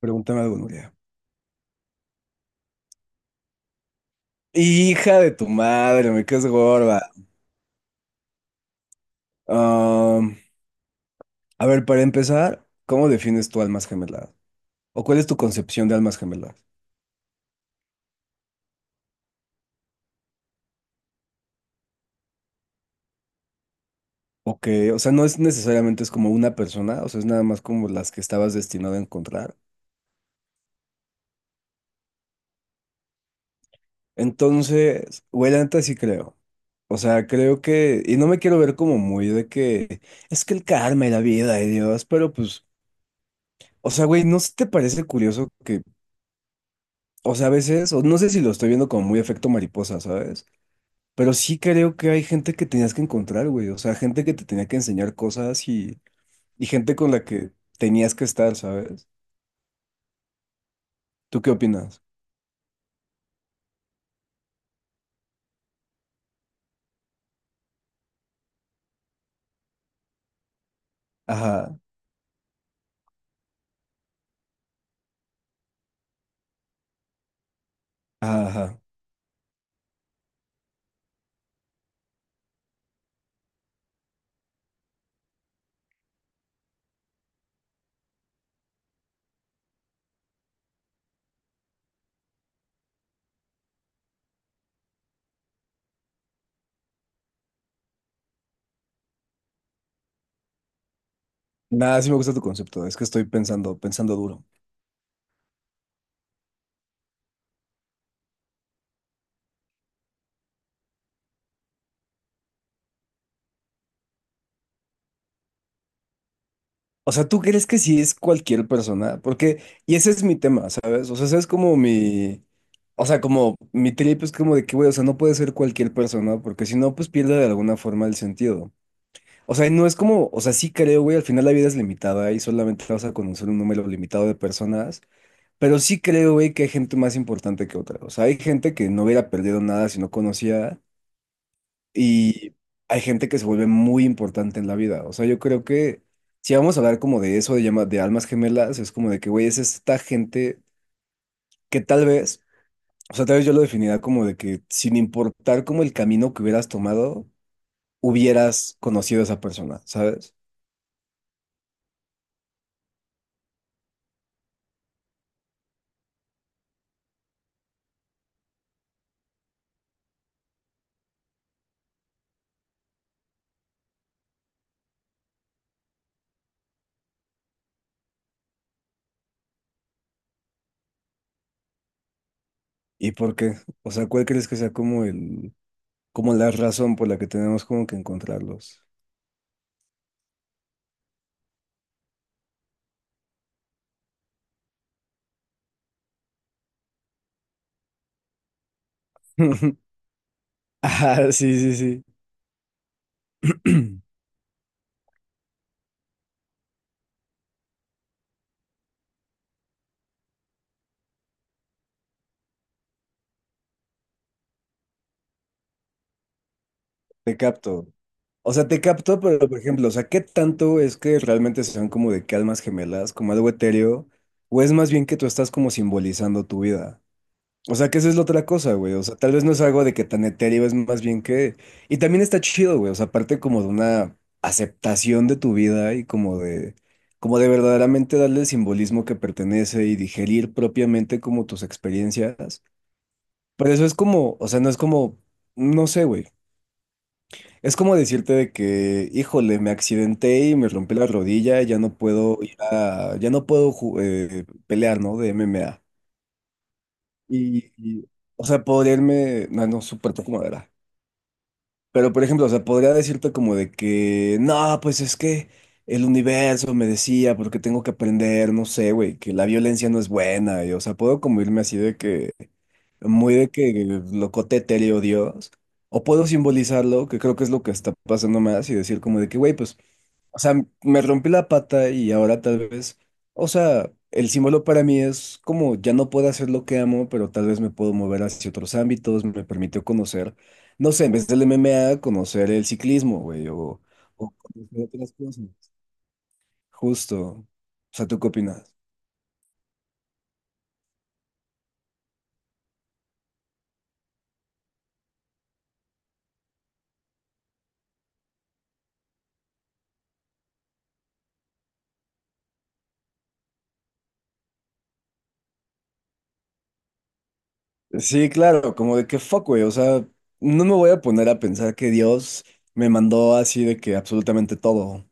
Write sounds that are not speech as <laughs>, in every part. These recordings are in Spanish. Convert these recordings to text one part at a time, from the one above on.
Pregúntame algo, Nuria. Hija de tu madre, me quedas gorda. Am, a ver, para empezar, ¿cómo defines tu almas gemelas? ¿O cuál es tu concepción de almas gemelas? O que, o sea, no es necesariamente es como una persona, o sea, es nada más como las que estabas destinado a encontrar. Entonces, güey, la neta sí creo. O sea, creo que, y no me quiero ver como muy de que es que el karma y la vida y Dios, pero pues, o sea, güey, ¿no se te parece curioso que, o sea, a veces, o no sé si lo estoy viendo como muy efecto mariposa, sabes? Pero sí creo que hay gente que tenías que encontrar, güey. O sea, gente que te tenía que enseñar cosas y gente con la que tenías que estar, ¿sabes? ¿Tú qué opinas? Ajá, ajá, ajá. Nada, sí me gusta tu concepto. Es que estoy pensando, pensando duro. O sea, ¿tú crees que sí es cualquier persona? Porque, y ese es mi tema, ¿sabes? O sea, ese es como mi, o sea, como mi trip es como de que, güey, o sea, no puede ser cualquier persona, porque si no, pues pierde de alguna forma el sentido. O sea, no es como, o sea, sí creo, güey, al final la vida es limitada y solamente vas a conocer un número limitado de personas, pero sí creo, güey, que hay gente más importante que otra. O sea, hay gente que no hubiera perdido nada si no conocía y hay gente que se vuelve muy importante en la vida. O sea, yo creo que si vamos a hablar como de eso, de, de almas gemelas, es como de que, güey, es esta gente que tal vez, o sea, tal vez yo lo definiría como de que sin importar como el camino que hubieras tomado, hubieras conocido a esa persona, ¿sabes? ¿Y por qué? O sea, ¿cuál crees que sea como el, como la razón por la que tenemos como que encontrarlos? <laughs> Ah, sí, sí, sí. <clears throat> Te capto. O sea, te capto, pero por ejemplo, o sea, ¿qué tanto es que realmente sean como de que almas gemelas, como algo etéreo? ¿O es más bien que tú estás como simbolizando tu vida? O sea, que esa es la otra cosa, güey. O sea, tal vez no es algo de que tan etéreo, es más bien que... Y también está chido, güey. O sea, aparte como de una aceptación de tu vida y como de... Como de verdaderamente darle el simbolismo que pertenece y digerir propiamente como tus experiencias. Pero eso es como, o sea, no es como, no sé, güey. Es como decirte de que, híjole, me accidenté y me rompí la rodilla, ya no puedo pelear, ¿no? De MMA. Y, y, o sea, podría irme, no, no, súper como era. Pero, por ejemplo, o sea, podría decirte como de que, no, pues es que el universo me decía, porque tengo que aprender, no sé, güey, que la violencia no es buena. Y, o sea, puedo como irme así de que, muy de que locote etéreo Dios, o puedo simbolizarlo, que creo que es lo que está pasando más, y decir como de que, güey, pues, o sea, me rompí la pata y ahora tal vez, o sea, el símbolo para mí es como ya no puedo hacer lo que amo, pero tal vez me puedo mover hacia otros ámbitos, me permitió conocer, no sé, en vez del MMA, conocer el ciclismo, güey, o conocer otras cosas. Justo. O sea, ¿tú qué opinas? Sí, claro, como de que fuck, güey, o sea, no me voy a poner a pensar que Dios me mandó así de que absolutamente todo.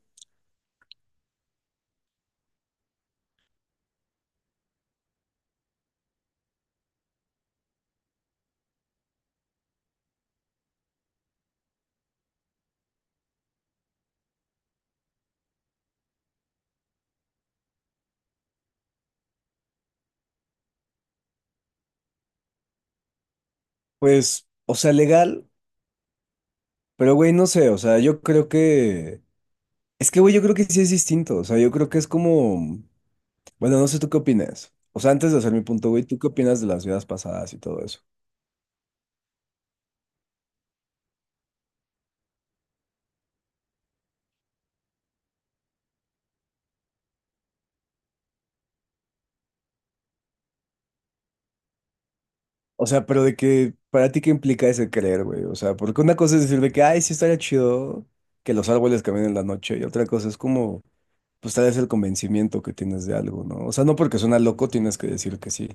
Pues, o sea, legal, pero güey, no sé, o sea, yo creo que... Es que, güey, yo creo que sí es distinto, o sea, yo creo que es como... Bueno, no sé tú qué opinas. O sea, antes de hacer mi punto, güey, ¿tú qué opinas de las vidas pasadas y todo eso? O sea, pero de que, para ti, ¿qué implica ese creer, güey? O sea, porque una cosa es decir de que, ay, sí estaría chido que los árboles caminen en la noche, y otra cosa es como... pues tal vez el convencimiento que tienes de algo, ¿no? O sea, no porque suena loco tienes que decir que sí.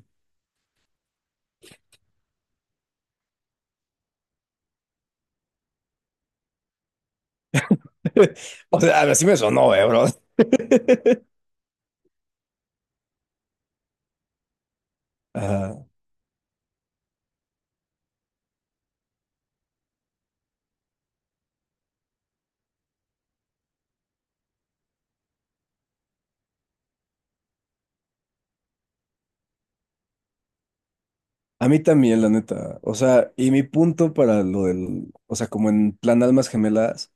<laughs> O sea, así me sonó, bro. <laughs> Ajá. A mí también, la neta. O sea, y mi punto para lo del, o sea, como en plan almas gemelas.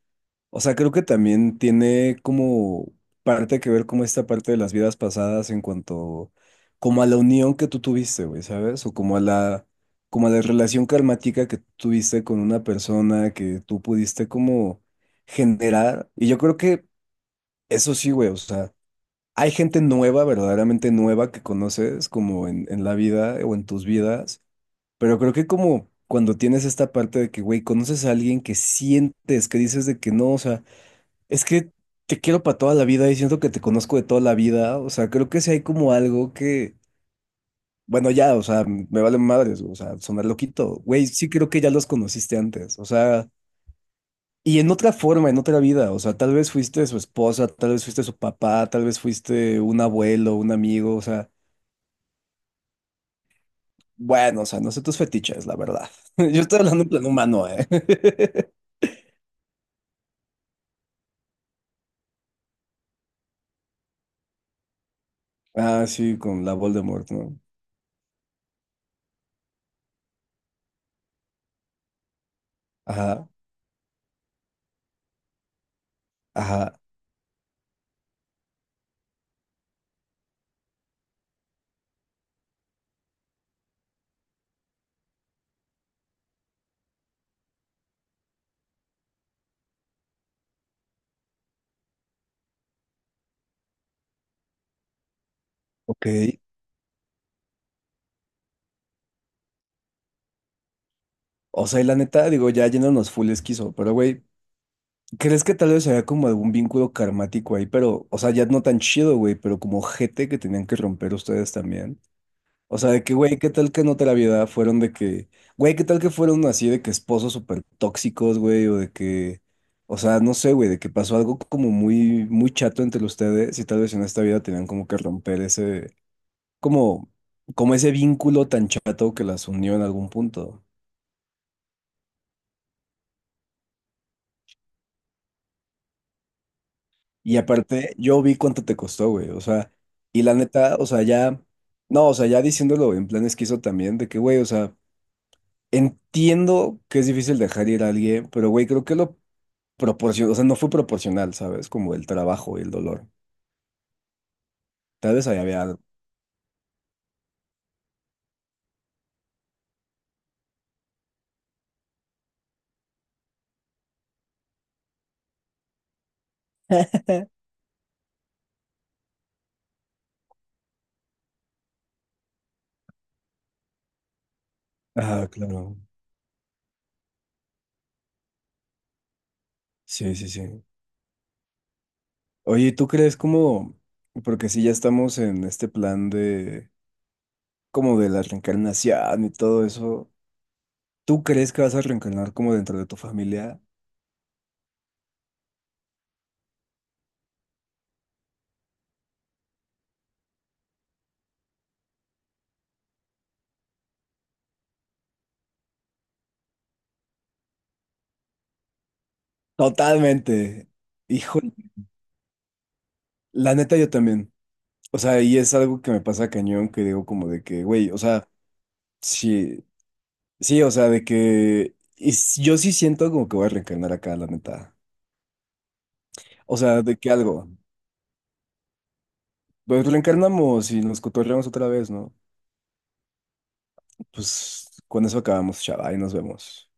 O sea, creo que también tiene como parte que ver como esta parte de las vidas pasadas en cuanto como a la unión que tú tuviste, güey, ¿sabes? O como a la relación karmática que tuviste con una persona que tú pudiste como generar. Y yo creo que eso sí, güey, o sea, hay gente nueva, verdaderamente nueva que conoces como en la vida o en tus vidas, pero creo que como cuando tienes esta parte de que, güey, conoces a alguien que sientes, que dices de que no, o sea, es que te quiero para toda la vida y siento que te conozco de toda la vida. O sea, creo que si hay como algo que, bueno, ya, o sea, me vale madres, o sea, sonar loquito. Güey, sí creo que ya los conociste antes. O sea, y en otra forma, en otra vida. O sea, tal vez fuiste su esposa, tal vez fuiste su papá, tal vez fuiste un abuelo, un amigo. O sea, bueno, o sea, no sé tus fetiches, la verdad. <laughs> Yo estoy hablando en plan humano, ¿eh? <laughs> Ah, sí, con la Voldemort, ¿no? Ajá, ajá, ok. O sea, y la neta, digo, ya yéndonos full esquizo, pero güey, ¿crees que tal vez había como algún vínculo karmático ahí? Pero, o sea, ya no tan chido, güey, pero como gente que tenían que romper ustedes también. O sea, de que, güey, ¿qué tal que en otra vida fueron de que, güey, qué tal que fueron así de que esposos súper tóxicos, güey? O de que, o sea, no sé, güey, de que pasó algo como muy, muy chato entre ustedes y tal vez en esta vida tenían como que romper ese, como, como ese vínculo tan chato que las unió en algún punto. Y aparte, yo vi cuánto te costó, güey. O sea, y la neta, o sea, ya, no, o sea, ya diciéndolo en plan esquizo también, de que, güey, o sea, entiendo que es difícil dejar ir a alguien, pero, güey, creo que lo proporcionó, o sea, no fue proporcional, ¿sabes? Como el trabajo y el dolor. Tal vez ahí había algo. Ah, claro. Sí, sí, sí. Oye, ¿tú crees como, porque si ya estamos en este plan de, como de la reencarnación y todo eso, ¿tú crees que vas a reencarnar como dentro de tu familia? Totalmente. Hijo, la neta yo también. O sea, y es algo que me pasa cañón, que digo como de que, güey, o sea, sí, sí, o sea, de que y yo sí siento como que voy a reencarnar acá, la neta. O sea, de que algo, pues reencarnamos y nos cotorreamos otra vez, ¿no? Pues con eso acabamos, chava, y nos vemos.